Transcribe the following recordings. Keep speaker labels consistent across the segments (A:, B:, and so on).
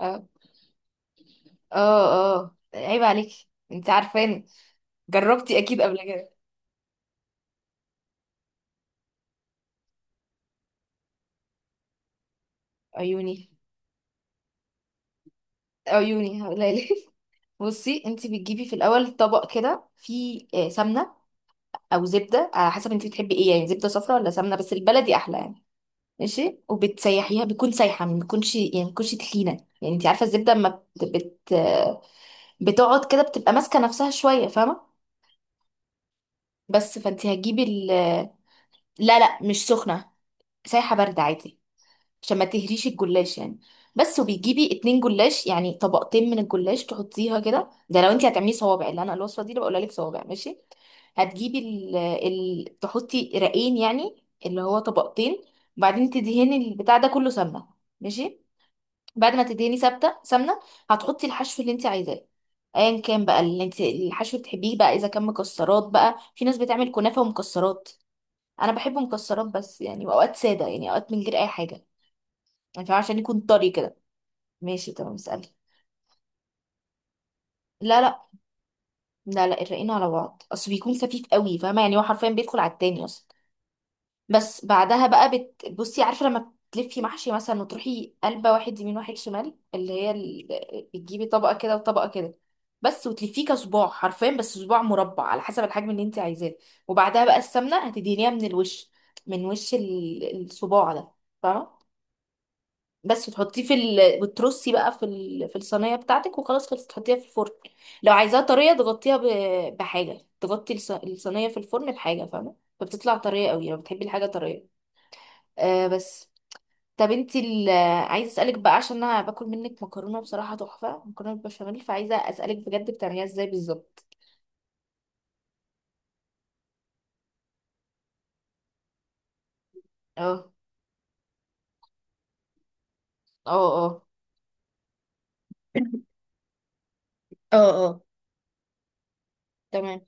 A: اه اه اه عيب عليك. انت عارفاني. جربتي اكيد قبل كده. عيوني. عيوني هقولها. بصي، انت بتجيبي في الاول طبق كده فيه سمنه او زبده، على حسب انت بتحبي ايه، يعني زبده صفرا ولا سمنه، بس البلدي احلى يعني. ماشي. وبتسيحيها، بيكون سايحه، ما بيكونش يعني، ما بيكونش تخينه. يعني انت عارفه الزبده اما بت... بت... آه، بتقعد كده، بتبقى ماسكه نفسها شويه، فاهمه. بس. فانت هتجيبي ال... لا لا، مش سخنه. سايحه بارده عادي، عشان ما تهريش الجلاش يعني. بس. وبيجيبي اتنين جلاش، يعني طبقتين من الجلاش، تحطيها كده. ده لو انت هتعملي صوابع اللي انا الوصفه دي اللي بقولها لك، صوابع ماشي. هتجيبي تحطي رقين، يعني اللي هو طبقتين. وبعدين تدهني البتاع ده كله سمنه. ماشي. بعد ما تدهني ثابته سمنه، هتحطي الحشو اللي انت عايزاه، ايا كان بقى اللي انت الحشو اللي بتحبيه بقى. اذا كان مكسرات بقى، في ناس بتعمل كنافه ومكسرات. انا بحب مكسرات بس، يعني واوقات ساده يعني، اوقات من غير اي حاجه. مش عارفة، عشان يكون طري كده. ماشي تمام، اسألي. لا لا لا لا، الرقين على بعض، اصل بيكون خفيف قوي، فاهمه. يعني هو حرفيا بيدخل على التاني اصلا. بس بعدها بقى بصي، عارفه لما تلفي محشي مثلا، وتروحي قلبه، واحد يمين واحد شمال، اللي هي ال... بتجيبي طبقه كده وطبقه كده. بس. وتلفيه كصباع حرفيا، بس صباع مربع، على حسب الحجم اللي انت عايزاه. وبعدها بقى السمنه هتدهنيها من الوش، من وش الصباع ده، فاهمه. بس تحطيه في ال... بترصي بقى في ال... في الصينيه بتاعتك، وخلاص خلصت تحطيها في الفرن. لو عايزاها طريه، تغطيها بحاجه تغطي الصينيه في الفرن، بحاجه، فاهمه. فبتطلع طريه قوي، لو بتحبي الحاجه طريه. بس. طب انتي ال... عايزه اسالك بقى، عشان انا باكل منك مكرونه بصراحه تحفه، مكرونه بالبشاميل. فعايزه اسالك بجد، بتعمليها ازاي بالظبط؟ اه اه اه. اه اه. تمام.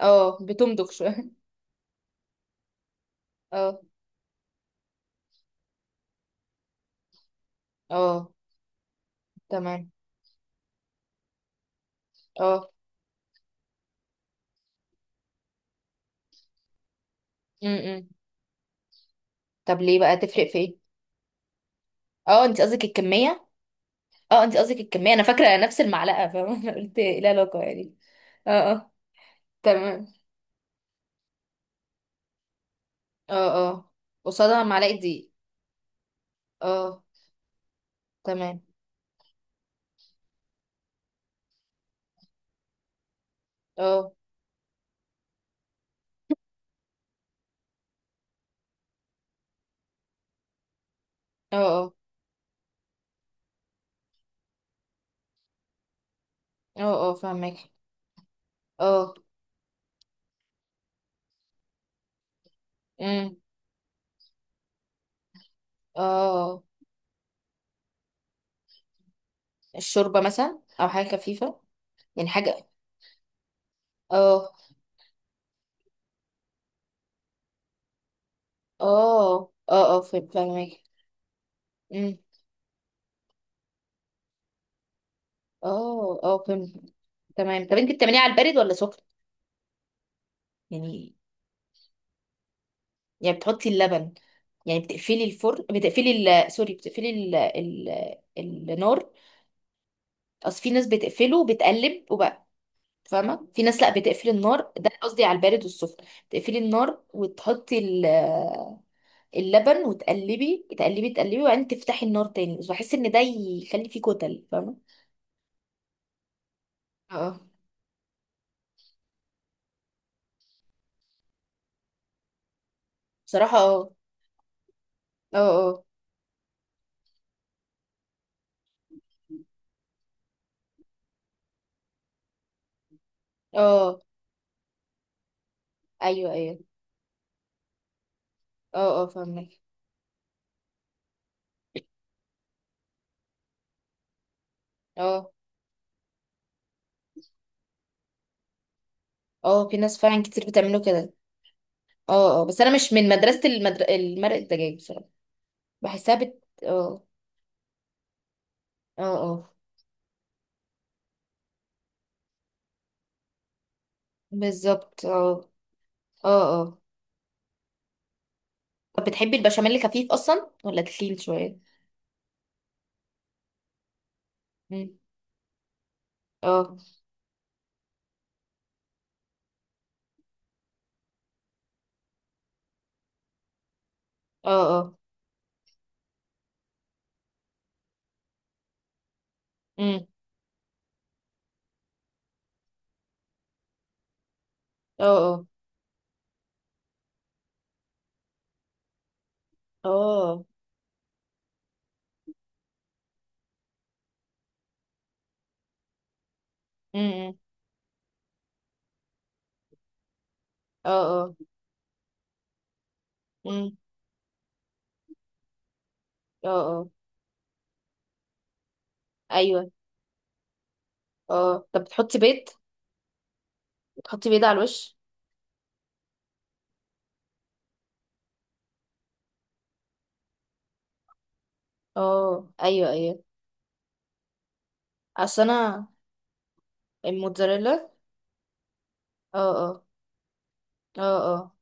A: اه بتمضغ شويه. اه اه. تمام. اه. امم. طب ليه بقى تفرق في ايه؟ اه انت قصدك الكمية؟ اه انت قصدك الكمية. انا فاكرة نفس المعلقة، فاهمة. انا قلت ايه العلاقة يعني. اه اه. تمام. اه اه، قصادها معلقة دي. اه. تمام. اه اه. اه اه اه فاهمك. اه. امم. اه اه. الشوربة مثلا او حاجة خفيفة. يعني حاجة. اه اه اه اه فاهمك. امم. اه اه فهمت. تمام. طب انت بتعمليها على البارد ولا سخن؟ يعني، يعني بتحطي اللبن، يعني بتقفلي الفرن، بتقفلي ال... سوري، بتقفلي ال... ال... النار. اصل في ناس بتقفله وبتقلب وبقى، فاهمه. في ناس لا بتقفل النار. ده قصدي على البارد والسخن. بتقفلي النار وتحطي ال... اللبن، وتقلبي تقلبي تقلبي، وبعدين تفتحي النار تاني، بس بحس ان ده يخلي فيه كتل، فاهمه. اه بصراحه. اه اه اه اه ايوه ايوه اه اه فاهمك. اه اه في ناس فعلا كتير بتعمله كده. اه اه، بس انا مش من مدرسة المرق الدجاج بصراحة. بحسها بت اه. اه اه بالظبط. اه اه اه. طب بتحبي البشاميل خفيف اصلا ولا تخين شوية؟ مم. اه اه. اه. مم. اه اه اه. مم. اه اه. مم. اه اه ايوه اه. طب بتحطي بيض؟ بتحطي بيض على الوش؟ اه ايوه ايوه. اصل انا الموتزاريلا. اه اه اه اه.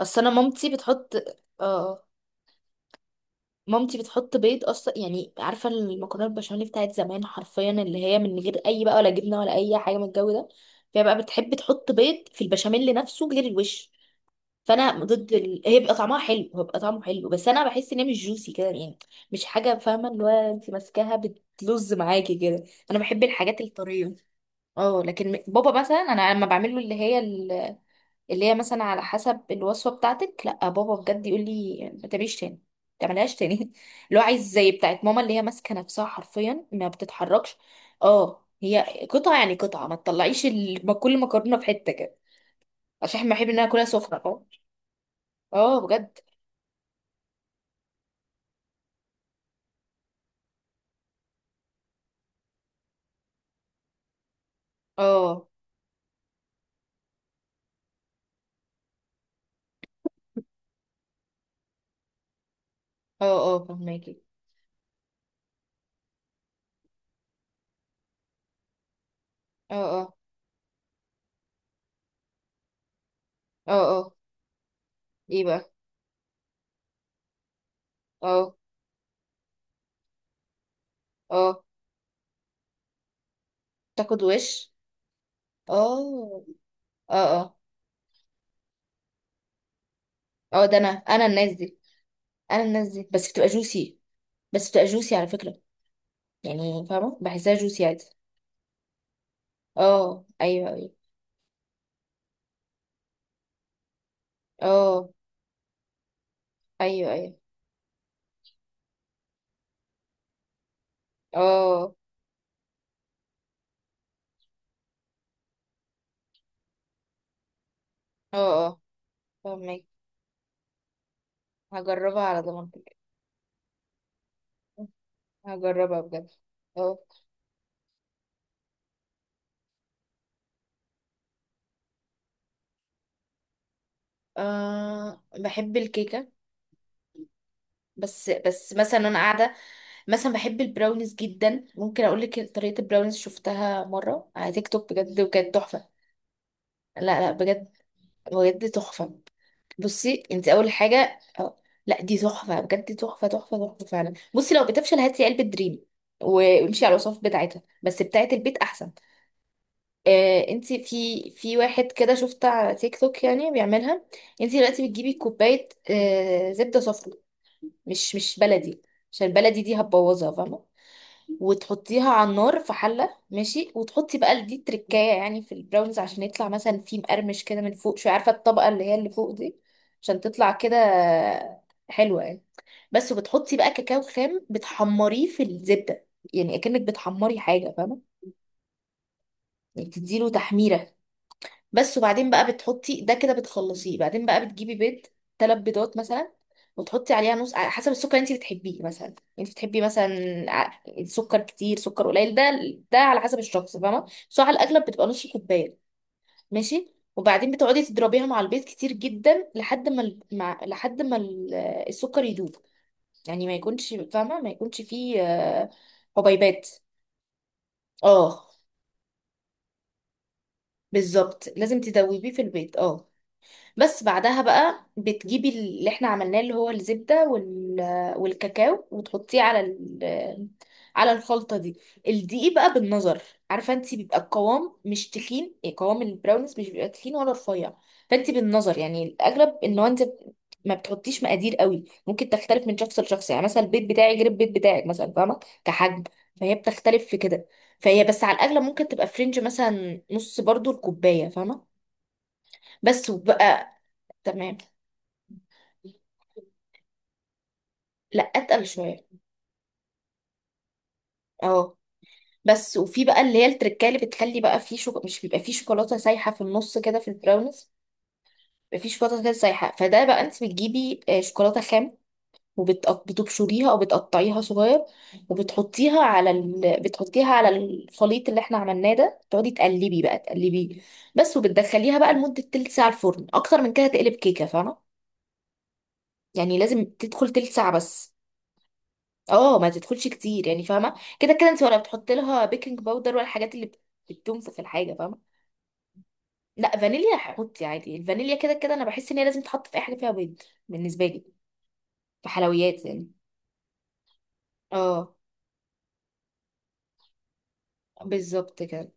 A: اصل انا مامتي بتحط اه. آه. مامتي بتحط بيض اصلا، يعني عارفه المكرونه البشاميل بتاعت زمان حرفيا، اللي هي من غير اي بقى، ولا جبنه ولا اي حاجه من الجو ده. فهي بقى بتحب تحط بيض في البشاميل نفسه غير الوش. فانا ضد ال... هي بيبقى طعمها حلو، هو بيبقى طعمه حلو، بس انا بحس ان هي مش جوسي كده يعني، مش حاجه، فاهمه، اللي هو انت ماسكاها بتلز معاكي كده. انا بحب الحاجات الطريه. اه، لكن بابا مثلا، انا لما بعمل له اللي هي، اللي هي مثلا على حسب الوصفة بتاعتك، لا بابا بجد يقول لي ما تعمليش تاني، ما تعملهاش تاني. اللي هو عايز زي بتاعت ماما، اللي هي ماسكة نفسها حرفيا ما بتتحركش. اه، هي قطعة، يعني قطعة ما تطلعيش ما كل مكرونة في حتة كده. عشان احنا بنحب ان انا اكلها سخنة اه. اه بجد. اه اه اه فهماكي. اه اه اه اه. ايه بقى؟ اه اه. تاخد وش؟ اه اه اه. اه ده انا الناس دي، انا الناس دي بس بتبقى جوسي، بس بتبقى جوسي على فكرة، يعني فاهمة بحسها جوسي عادي. اه ايوه ايوه. اه ايوه ايوه. اه اه اه فاهمك. هجربها على ضمانتك. هجربها بجد. اه. بحب الكيكة. بس بس مثلا انا قاعدة، مثلا بحب البراونيز جدا. ممكن اقول لك طريقة البراونيز، شفتها مرة على تيك توك بجد، وكانت تحفة. لا لا بجد، بجد تحفة. بصي انت اول حاجه لا دي تحفه بجد، تحفه تحفه تحفه فعلا. بصي لو بتفشل، هاتي علبه دريم، وامشي على الوصف بتاعتها، بس بتاعت البيت احسن. آه انت في في واحد كده شفت على تيك توك يعني بيعملها. انت دلوقتي بتجيبي كوبايه زبده صفرا، مش بلدي، عشان البلدي دي هتبوظها فاهمه. وتحطيها على النار في حله، ماشي. وتحطي بقى دي تركايه، يعني في البراونيز، عشان يطلع مثلا فيه مقرمش كده من فوق شويه، عارفه الطبقه اللي هي اللي فوق دي، عشان تطلع كده حلوه يعني. بس. وبتحطي بقى كاكاو خام، بتحمريه في الزبده، يعني اكنك بتحمري حاجه فاهمه، يعني تديله تحميره. بس. وبعدين بقى بتحطي ده كده بتخلصيه، بعدين بقى بتجيبي بيض، ثلاث بيضات مثلا. وتحطي عليها نص، على حسب السكر اللي انت بتحبيه، مثلا انت بتحبي مثلا سكر كتير سكر قليل ده، ده على حسب الشخص فاهمه. بس هو على الاغلب بتبقى نص كوبايه. ماشي. وبعدين بتقعدي تضربيها مع البيض كتير جدا، لحد ما السكر يدوب، يعني ما يكونش فاهمه، ما يكونش فيه حبيبات. اه، بالظبط لازم تدوبيه في البيض. اه. بس بعدها بقى بتجيبي اللي احنا عملناه، اللي هو الزبدة وال... والكاكاو، وتحطيه على ال... على الخلطة دي. الدقيق بقى بالنظر، عارفة انت بيبقى القوام مش تخين، يعني قوام البراونيز مش بيبقى تخين ولا رفيع. فانت بالنظر يعني، الاغلب ان هو انت ما بتحطيش مقادير قوي، ممكن تختلف من شخص لشخص، يعني مثلا البيت بتاعي غير البيت بتاعك مثلا، فاهمة، كحجم، فهي بتختلف في كده. فهي بس على الاغلب ممكن تبقى فرنج، مثلا نص برضو الكوباية، فاهمة. بس وبقى تمام. لا اتقل شويه. اه. بس. وفي بقى اللي هي التركايه اللي بتخلي بقى فيه مش بيبقى فيه شوكولاته سايحه في النص كده في البراونيز. بيبقى فيه شوكولاته كده سايحه. فده بقى انت بتجيبي شوكولاته خام، وبتبشريها او بتقطعيها صغير، وبتحطيها على ال... بتحطيها على الخليط اللي احنا عملناه ده، تقعدي تقلبي بقى تقلبي. بس. وبتدخليها بقى لمده تلت ساعه الفرن، اكتر من كده تقلب كيكه فاهمه، يعني لازم تدخل تلت ساعه بس. اه، ما تدخلش كتير يعني فاهمه، كده كده انت ولا بتحط لها بيكنج باودر، ولا الحاجات اللي بتنفخ الحاجه، فاهمه. لا، فانيليا هحط عادي، الفانيليا كده كده انا بحس ان هي لازم تتحط في اي حاجه فيها بيض، بالنسبه لي، في حلويات يعني. اه، بالظبط كده.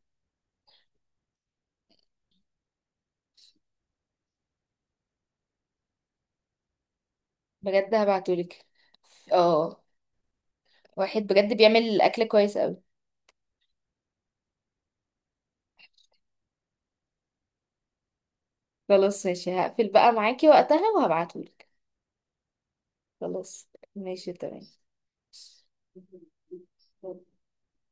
A: بجد هبعتهولك. اه. واحد بجد بيعمل اكل كويس قوي. خلاص ماشي، هقفل بقى معاكي وقتها وهبعتهولك. خلاص. ماشي. تمام.